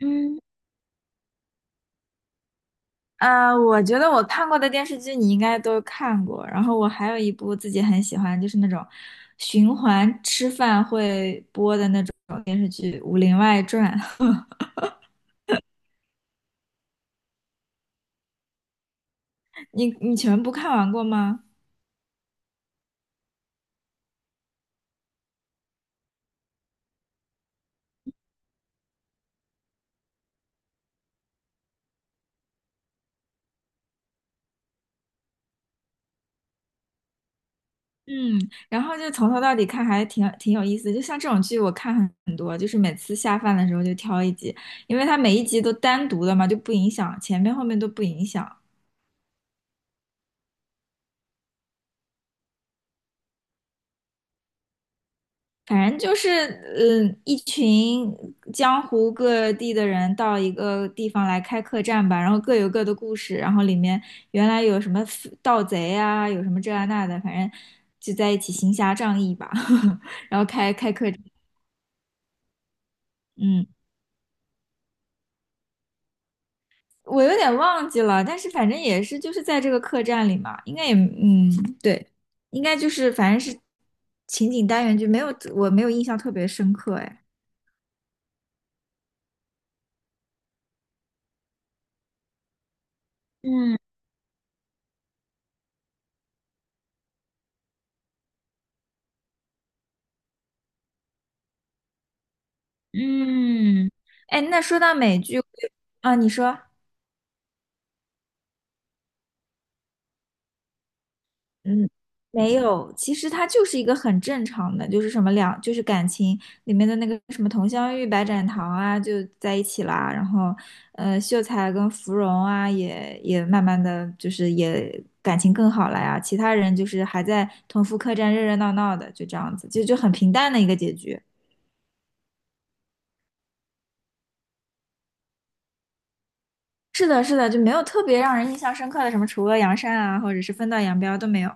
嗯，我觉得我看过的电视剧你应该都看过，然后我还有一部自己很喜欢，就是那种循环吃饭会播的那种《武林外传》。你全部看完过吗？嗯，然后就从头到底看还挺有意思的，就像这种剧我看很多，就是每次下饭的时候就挑一集，因为它每一集都单独的嘛，就不影响前面后面都不影响。反正就是，一群江湖各地的人到一个地方来开客栈吧，然后各有各的故事，然后里面原来有什么盗贼啊，有什么这啊那的，反正就在一起行侠仗义吧，然后开客栈。嗯，我有点忘记了，但是反正也是就是在这个客栈里嘛，应该也，对，应该就是反正是情景单元剧，没有，我没有印象特别深刻，哎。嗯，嗯，哎，那说到美剧我有。啊，你说。嗯，没有，其实它就是一个很正常的，就是什么两，就是感情里面的那个什么佟湘玉、白展堂啊，就在一起啦，然后，秀才跟芙蓉啊，也慢慢的就是也感情更好了呀，其他人就是还在同福客栈热热闹闹的，就这样子，就很平淡的一个结局。是的，是的，就没有特别让人印象深刻的什么除恶扬善啊，或者是分道扬镳都没有。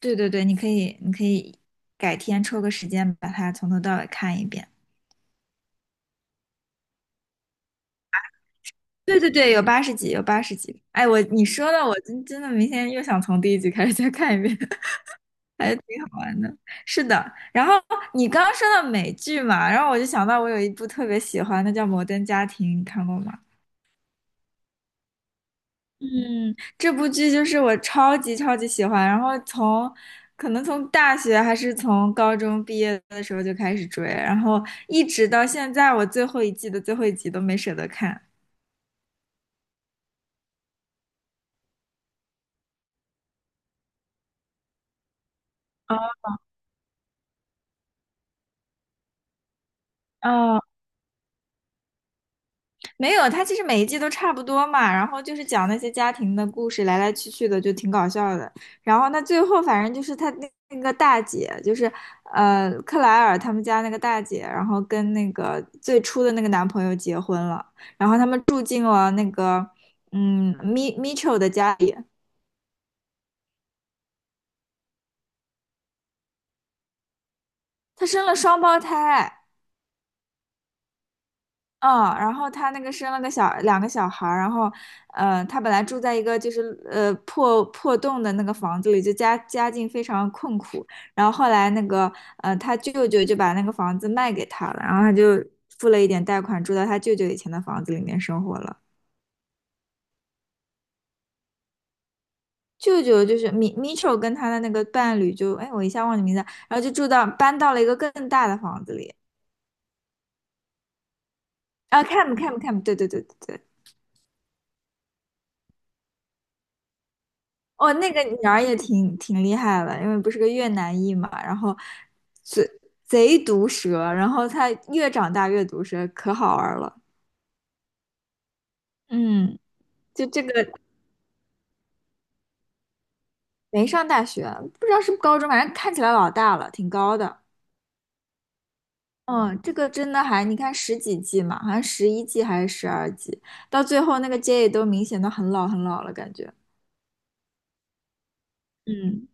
对对对，你可以改天抽个时间把它从头到尾看一遍。对对对，有八十集，有八十集。哎，我你说的，我真的明天又想从第一集开始再看一遍，还挺好玩的。是的，然后你刚刚说到美剧嘛，然后我就想到我有一部特别喜欢的叫《摩登家庭》，你看过吗？嗯，这部剧就是我超级超级喜欢，然后从可能从大学还是从高中毕业的时候就开始追，然后一直到现在，我最后一季的最后一集都没舍得看。哦，没有，他其实每一季都差不多嘛，然后就是讲那些家庭的故事，来来去去的，就挺搞笑的。然后他最后反正就是他那个大姐，就是克莱尔他们家那个大姐，然后跟那个最初的那个男朋友结婚了，然后他们住进了那个米米 m i c 的家里。她生了双胞胎。嗯，然后他那个生了个小两个小孩儿，然后，他本来住在一个就是破洞的那个房子里，就家境非常困苦。然后后来那个他舅舅就把那个房子卖给他了，然后他就付了一点贷款，住到他舅舅以前的房子里面生活了。舅舅就是米丑跟他的那个伴侣就，哎，我一下忘记名字了，然后就住到搬到了一个更大的房子里。啊 Cam Cam Cam 对对对对对。哦，那个女儿也挺厉害的，因为不是个越南裔嘛，然后贼贼毒舌，然后她越长大越毒舌，可好玩了。嗯，就这个没上大学，不知道是不是高中，反正看起来老大了，挺高的。嗯，这个真的还，你看十几季嘛，好像11季还是12季，到最后那个 J 都明显的很老很老了，感觉。嗯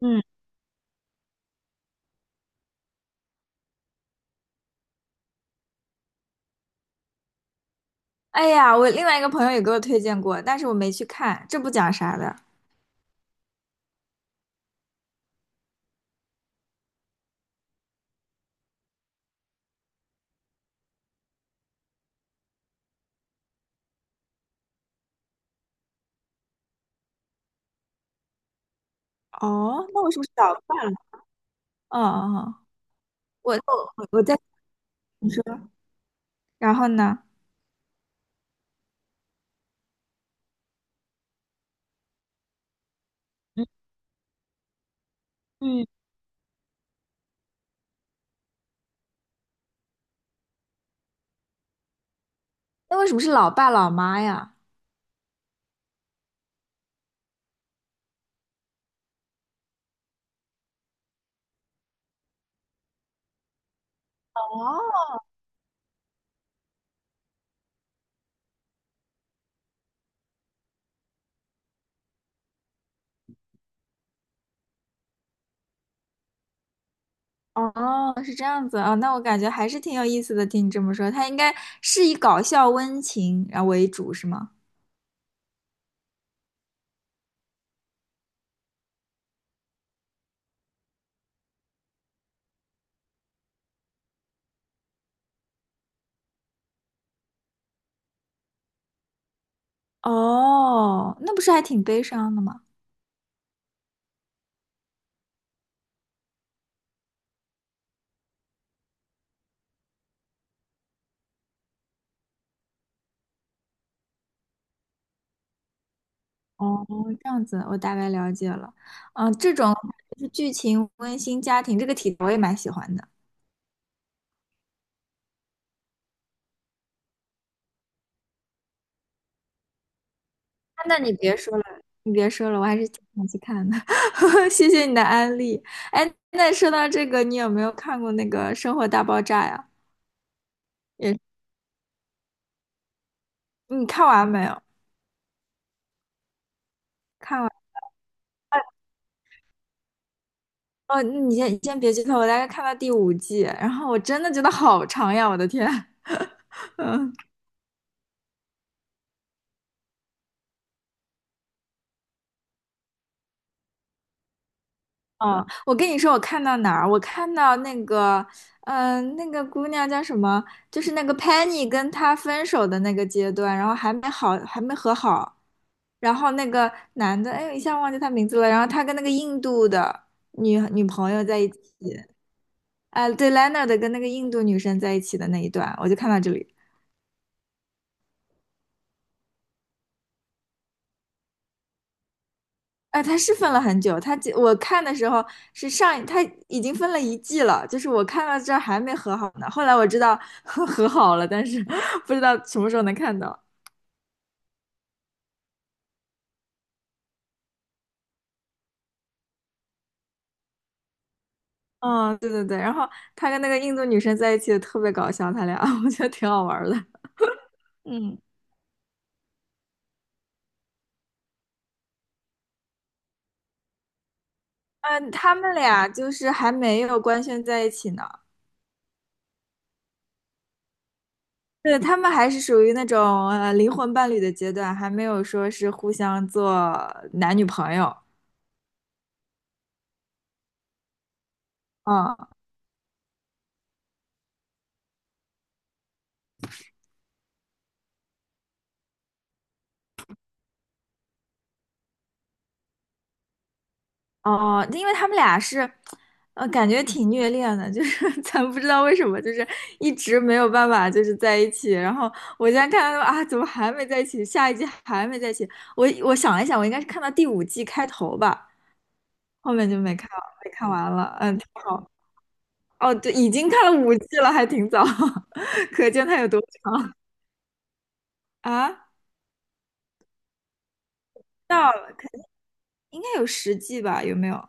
嗯，哎呀，我另外一个朋友也给我推荐过，但是我没去看，这不讲啥的。哦，那我是不是早看？哦哦，哦我我在你说，然后呢？嗯嗯，那为什么是老爸老妈呀？哦，哦，是这样子啊，那我感觉还是挺有意思的。听你这么说，他应该是以搞笑温情然后为主，是吗？哦，那不是还挺悲伤的吗？哦，这样子，我大概了解了。嗯，这种就是剧情温馨家庭这个题，我也蛮喜欢的。啊那你别说了，你别说了，我还是挺想去看的。谢谢你的安利。哎，那说到这个，你有没有看过那个《生活大爆炸》呀？也，你看完没有？看完哦，那你先别剧透，我大概看到第五季，然后我真的觉得好长呀，我的天。嗯，我跟你说，我看到哪儿？我看到那个，那个姑娘叫什么？就是那个 Penny 跟他分手的那个阶段，然后还没好，还没和好。然后那个男的，哎，一下忘记他名字了。然后他跟那个印度的女朋友在一起，哎，对，Leonard 跟那个印度女生在一起的那一段，我就看到这里。哎，他是分了很久，他我看的时候是上一，它已经分了一季了，就是我看到这儿还没和好呢。后来我知道 和好了，但是 不知道什么时候能看到。嗯，对对对，然后他跟那个印度女生在一起也特别搞笑，他俩 我觉得挺好玩儿的。嗯，嗯，他们俩就是还没有官宣在一起呢。对，他们还是属于那种灵魂伴侣的阶段，还没有说是互相做男女朋友。嗯，哦，因为他们俩是，感觉挺虐恋的，就是 咱不知道为什么，就是一直没有办法就是在一起。然后我现在看到啊，怎么还没在一起？下一季还没在一起？我想了一想，我应该是看到第五季开头吧，后面就没看完了。嗯，挺好。哦，对，已经看了五季了，还挺早，可见它有多长啊？到了，应该有10季吧？有没有？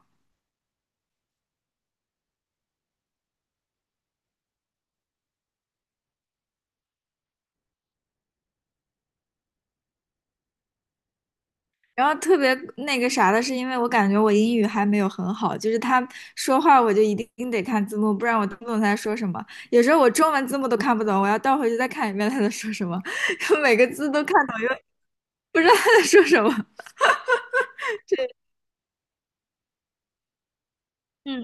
然后特别那个啥的是，因为我感觉我英语还没有很好，就是他说话我就一定得看字幕，不然我听不懂他在说什么。有时候我中文字幕都看不懂，我要倒回去再看一遍他在说什么，每个字都看懂，又不知道他在说什么。嗯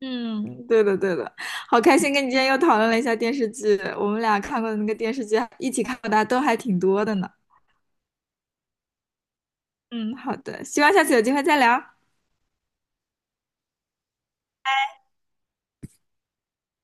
嗯，对的对的，好开心跟你今天又讨论了一下电视剧，我们俩看过的那个电视剧，一起看过的都还挺多的呢。嗯，好的，希望下次有机会再聊。